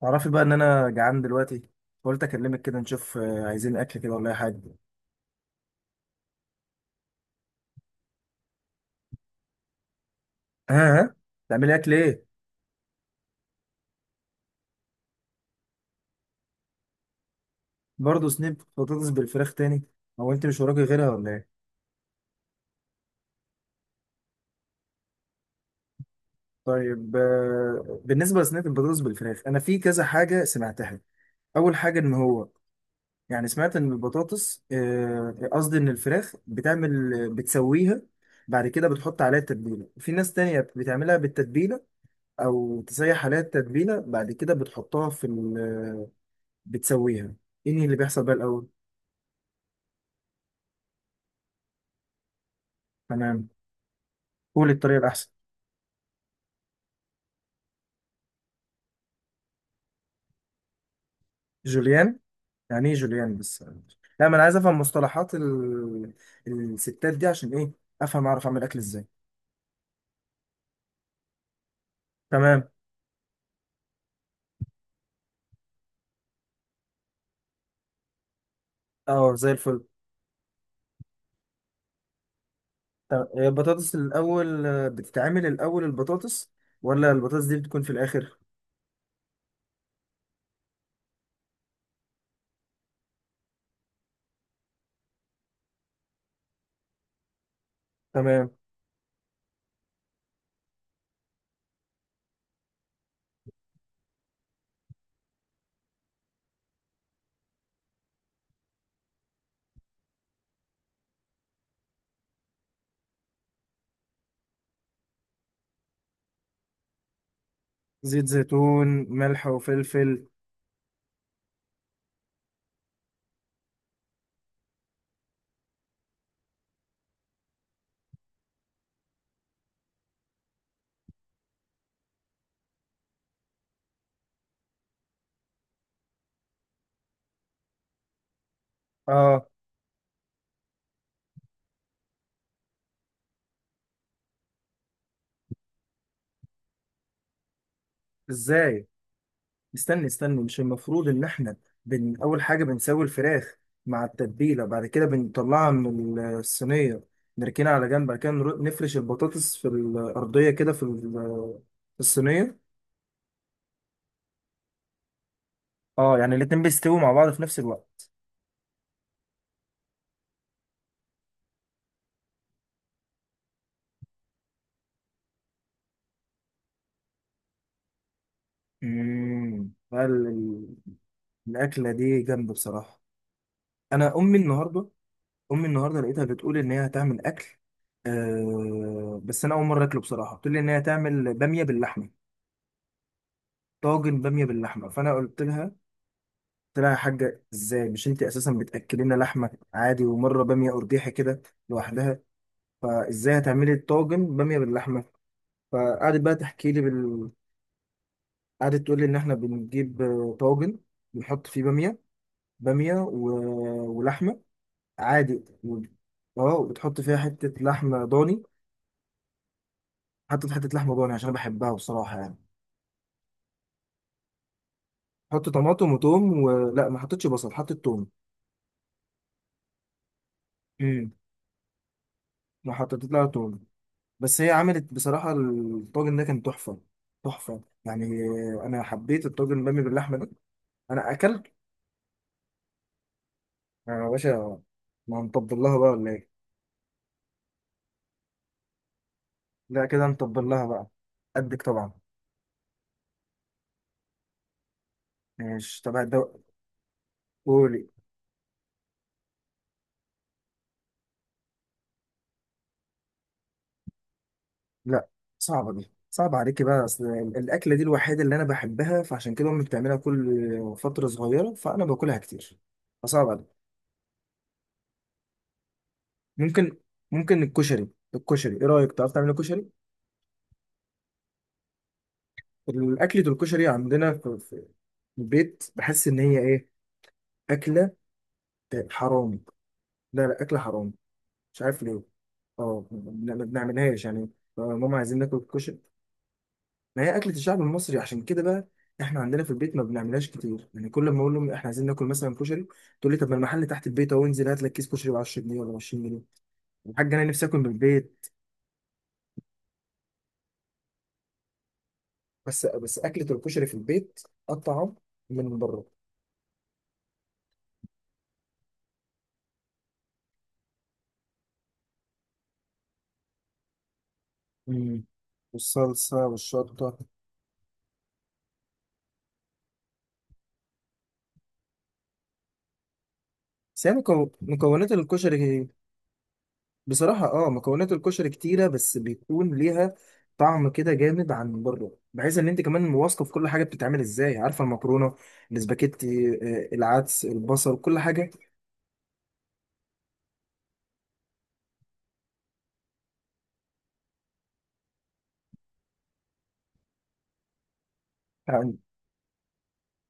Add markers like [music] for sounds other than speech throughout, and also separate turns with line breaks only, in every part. تعرفي بقى ان انا جعان دلوقتي. قلت اكلمك كده نشوف، عايزين اكل كده ولا اي حاجه؟ ها ها. تعملي اكل ايه؟ برضه سنيب بطاطس بالفراخ تاني؟ هو انت مش وراكي غيرها ولا ايه؟ طيب، بالنسبه لسنيب البطاطس بالفراخ انا في كذا حاجه سمعتها. اول حاجه ان هو يعني سمعت ان البطاطس، قصدي ان الفراخ بتعمل بتسويها. بعد كده بتحط عليها التتبيله، في ناس تانية بتعملها بالتتبيله او تسيح عليها التتبيله بعد كده بتحطها في، بتسويها. ايه اللي بيحصل بقى الاول؟ تمام. قول الطريقه الاحسن. جوليان؟ يعني ايه جوليان بس؟ لا، ما انا عايز افهم مصطلحات الستات دي عشان ايه؟ افهم اعرف اعمل اكل ازاي. تمام. اه زي الفل. طب هي البطاطس الاول، بتتعمل الاول البطاطس ولا البطاطس دي بتكون في الاخر؟ تمام. زيت زيتون ملح وفلفل. اه. ازاي؟ استني استني، مش المفروض ان احنا اول حاجه بنسوي الفراخ مع التتبيله بعد كده بنطلعها من الصينيه، نركنها على جنب، بعد كده نفرش البطاطس في الارضيه كده في في الصينيه؟ اه يعني الاتنين بيستووا مع بعض في نفس الوقت. امم ال- ال- الاكله دي جامده بصراحه. انا امي النهارده امي النهارده لقيتها بتقول ان هي هتعمل اكل. أه بس انا اول مره اكله بصراحه، بتقول لي ان هي هتعمل باميه باللحمه، طاجن باميه باللحمه، فانا قلت لها. قلت لها يا حاجة ازاي، مش انت اساسا بتاكلي لنا لحمه عادي ومره باميه قرديحي كده لوحدها؟ فازاي هتعملي طاجن باميه باللحمه؟ فقعدت بقى تحكي لي قعدت تقول لي ان احنا بنجيب، طاجن بنحط فيه باميه، باميه ولحمه عادي اه وبتحط فيها حته لحمه ضاني. حطيت حته لحمه ضاني عشان انا بحبها بصراحه يعني. حط طماطم وتوم، ولا ما حطيتش بصل حطيت توم؟ امم ما حطيت لها توم. بس هي عملت بصراحة الطاجن ده كان تحفة، تحفة يعني. أنا حبيت الطاجن بامي باللحمة ده. أنا أكلت يا باشا. ما هنطبل لها بقى ولا إيه؟ لا كده هنطبل لها بقى. قدك طبعا. مش تبع الدواء. قولي. لا. صعبة، دي صعبة عليكي بقى، أصل الأكلة دي الوحيدة اللي أنا بحبها، فعشان كده أمي بتعملها كل فترة صغيرة، فأنا باكلها كتير، فصعب عليك. ممكن. ممكن الكشري. الكشري، إيه رأيك تعرف تعمل كشري؟ الأكلة الكشري عندنا البيت، بحس ان هي ايه، اكله حرام. لا لا، اكله حرام. مش عارف ليه. اه ما بنعملهاش يعني. ماما عايزين ناكل كشري. ما هي اكله الشعب المصري عشان كده بقى. احنا عندنا في البيت ما بنعملهاش كتير يعني، كل ما اقول لهم احنا عايزين ناكل مثلا كشري تقول لي طب ما المحل تحت البيت اهو، انزل هات لك كيس كشري ب 10 جنيه ولا 20 جنيه. الحاج انا نفسي اكل من البيت. بس اكله الكشري في البيت اطعم من بره. مم. والصلصه والشطه. بس هي مكونات الكشري. بصراحة، مكونات الكشري كتيرة، بس بيكون ليها طعم كده جامد عن بره، بحيث ان انت كمان واثقة في كل حاجة بتتعمل ازاي، عارفة المكرونة الاسباجيتي، العدس البصل كل حاجة يعني.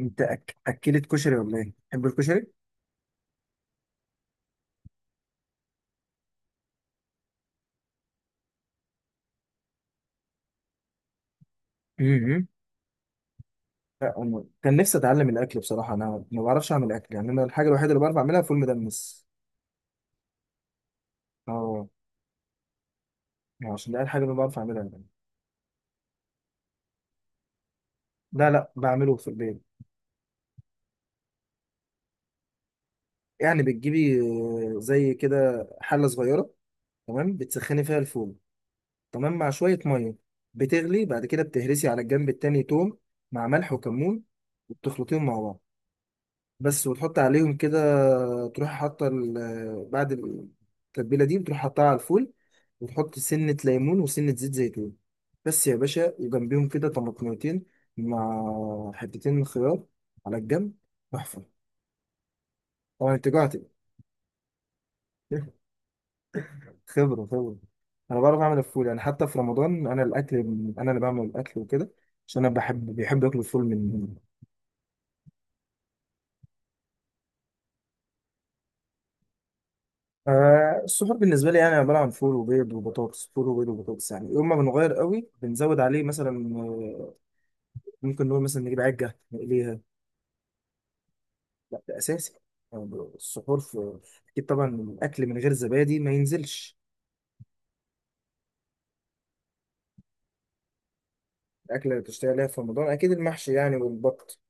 انت اكلت كشري ولا ايه؟ تحب الكشري؟ امم لا، أنا كان نفسي اتعلم الاكل بصراحة، انا ما بعرفش اعمل اكل يعني، انا الحاجة الوحيدة اللي بعرف اعملها فول مدمس. اه يعني عشان ده الحاجة اللي بعرف اعملها يعني. لا لا، بعمله في البيت. يعني بتجيبي، زي كده حلة صغيرة، تمام، بتسخني فيها الفول تمام مع شوية مية، بتغلي، بعد كده بتهرسي على الجنب التاني توم مع ملح وكمون، وبتخلطيهم مع بعض بس، وتحط عليهم كده تروح حاطة بعد، التتبيلة دي بتروح حاطها على الفول، وتحط سنة ليمون وسنة زيت زيتون بس يا باشا، وجنبيهم كده طماطميتين مع حتتين خيار على الجنب، تحفة. طبعا انت جعت. [laughs] خبرة خبرة. أنا بعرف أعمل الفول يعني، حتى في رمضان أنا الأكل، أنا اللي بعمل الأكل وكده، عشان أنا بيحب ياكلوا الفول من. السحور بالنسبة لي يعني، أنا عبارة عن فول وبيض وبطاطس، فول وبيض وبطاطس، يعني يوم ما بنغير قوي بنزود عليه مثلا، آه، ممكن نقول مثلا نجيب عجة نقليها. لا ده أساسي. السحور في، أكيد طبعا الأكل من غير زبادي ما ينزلش. الأكلة اللي بتشتغل عليها في رمضان أكيد المحشي يعني والبط.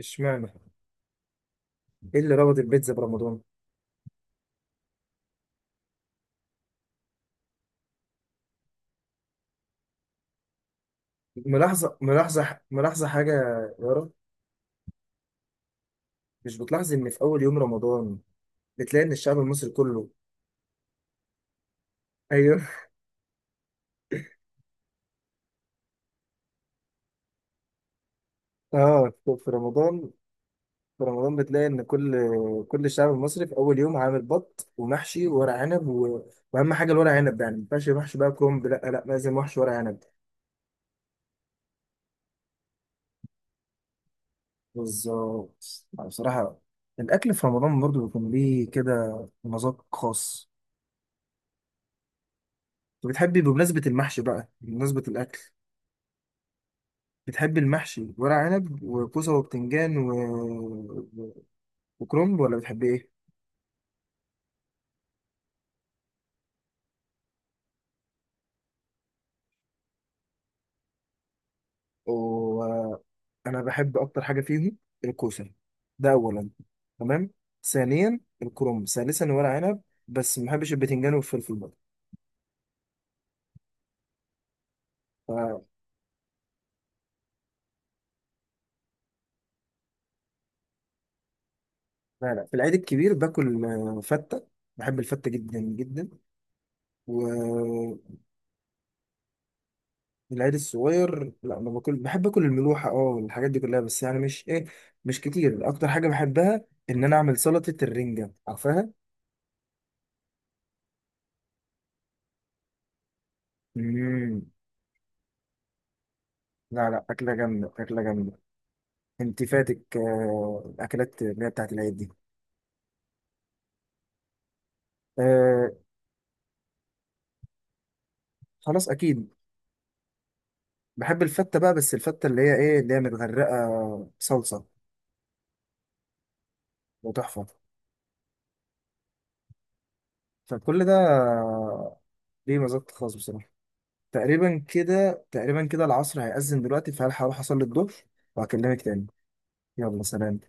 اشمعنى؟ إيه اللي ربط البيتزا برمضان؟ ملاحظة ملاحظة ملاحظة حاجة يا يارا، مش بتلاحظ إن في أول يوم رمضان بتلاقي إن الشعب المصري كله؟ أيوه. [laughs] في رمضان، في رمضان بتلاقي إن كل الشعب المصري في أول يوم عامل بط ومحشي وورق عنب وأهم حاجة الورق عنب، يعني ما ينفعش محشي بقى كرنب، لا لا لازم محشي ورق عنب. بالظبط، بصراحة الأكل في رمضان برضه بيكون ليه كده مذاق خاص. طب بتحبي بمناسبة المحشي بقى بمناسبة الأكل، بتحب المحشي ورق عنب وكوسة وبتنجان و- وكرنب ولا بتحب ايه؟ وانا بحب اكتر حاجة فيهم الكوسة، ده اولا، تمام، ثانيا الكرنب، ثالثا ورق عنب، بس ما بحبش البتنجان والفلفل برضه. ف- لا لا، في العيد الكبير باكل، فتة، بحب الفتة جدا جدا. والعيد الصغير لا ما باكل، بحب اكل الملوحة والحاجات دي كلها، بس يعني مش ايه، مش كتير. اكتر حاجة بحبها ان انا اعمل سلطة الرنجة، عارفها؟ مم. لا لا، أكلة جامدة أكلة جامدة. أنت فاتك، الأكلات اللي هي بتاعت العيد دي. آه. خلاص أكيد. بحب الفتة بقى، بس الفتة اللي هي إيه، اللي هي متغرقة صلصة وتحفة، فكل ده ليه مزاج خاص بصراحة. تقريبا كده العصر هيأذن دلوقتي، فهلحق أروح أصلي الظهر وهكلمك تاني. يلا سلام.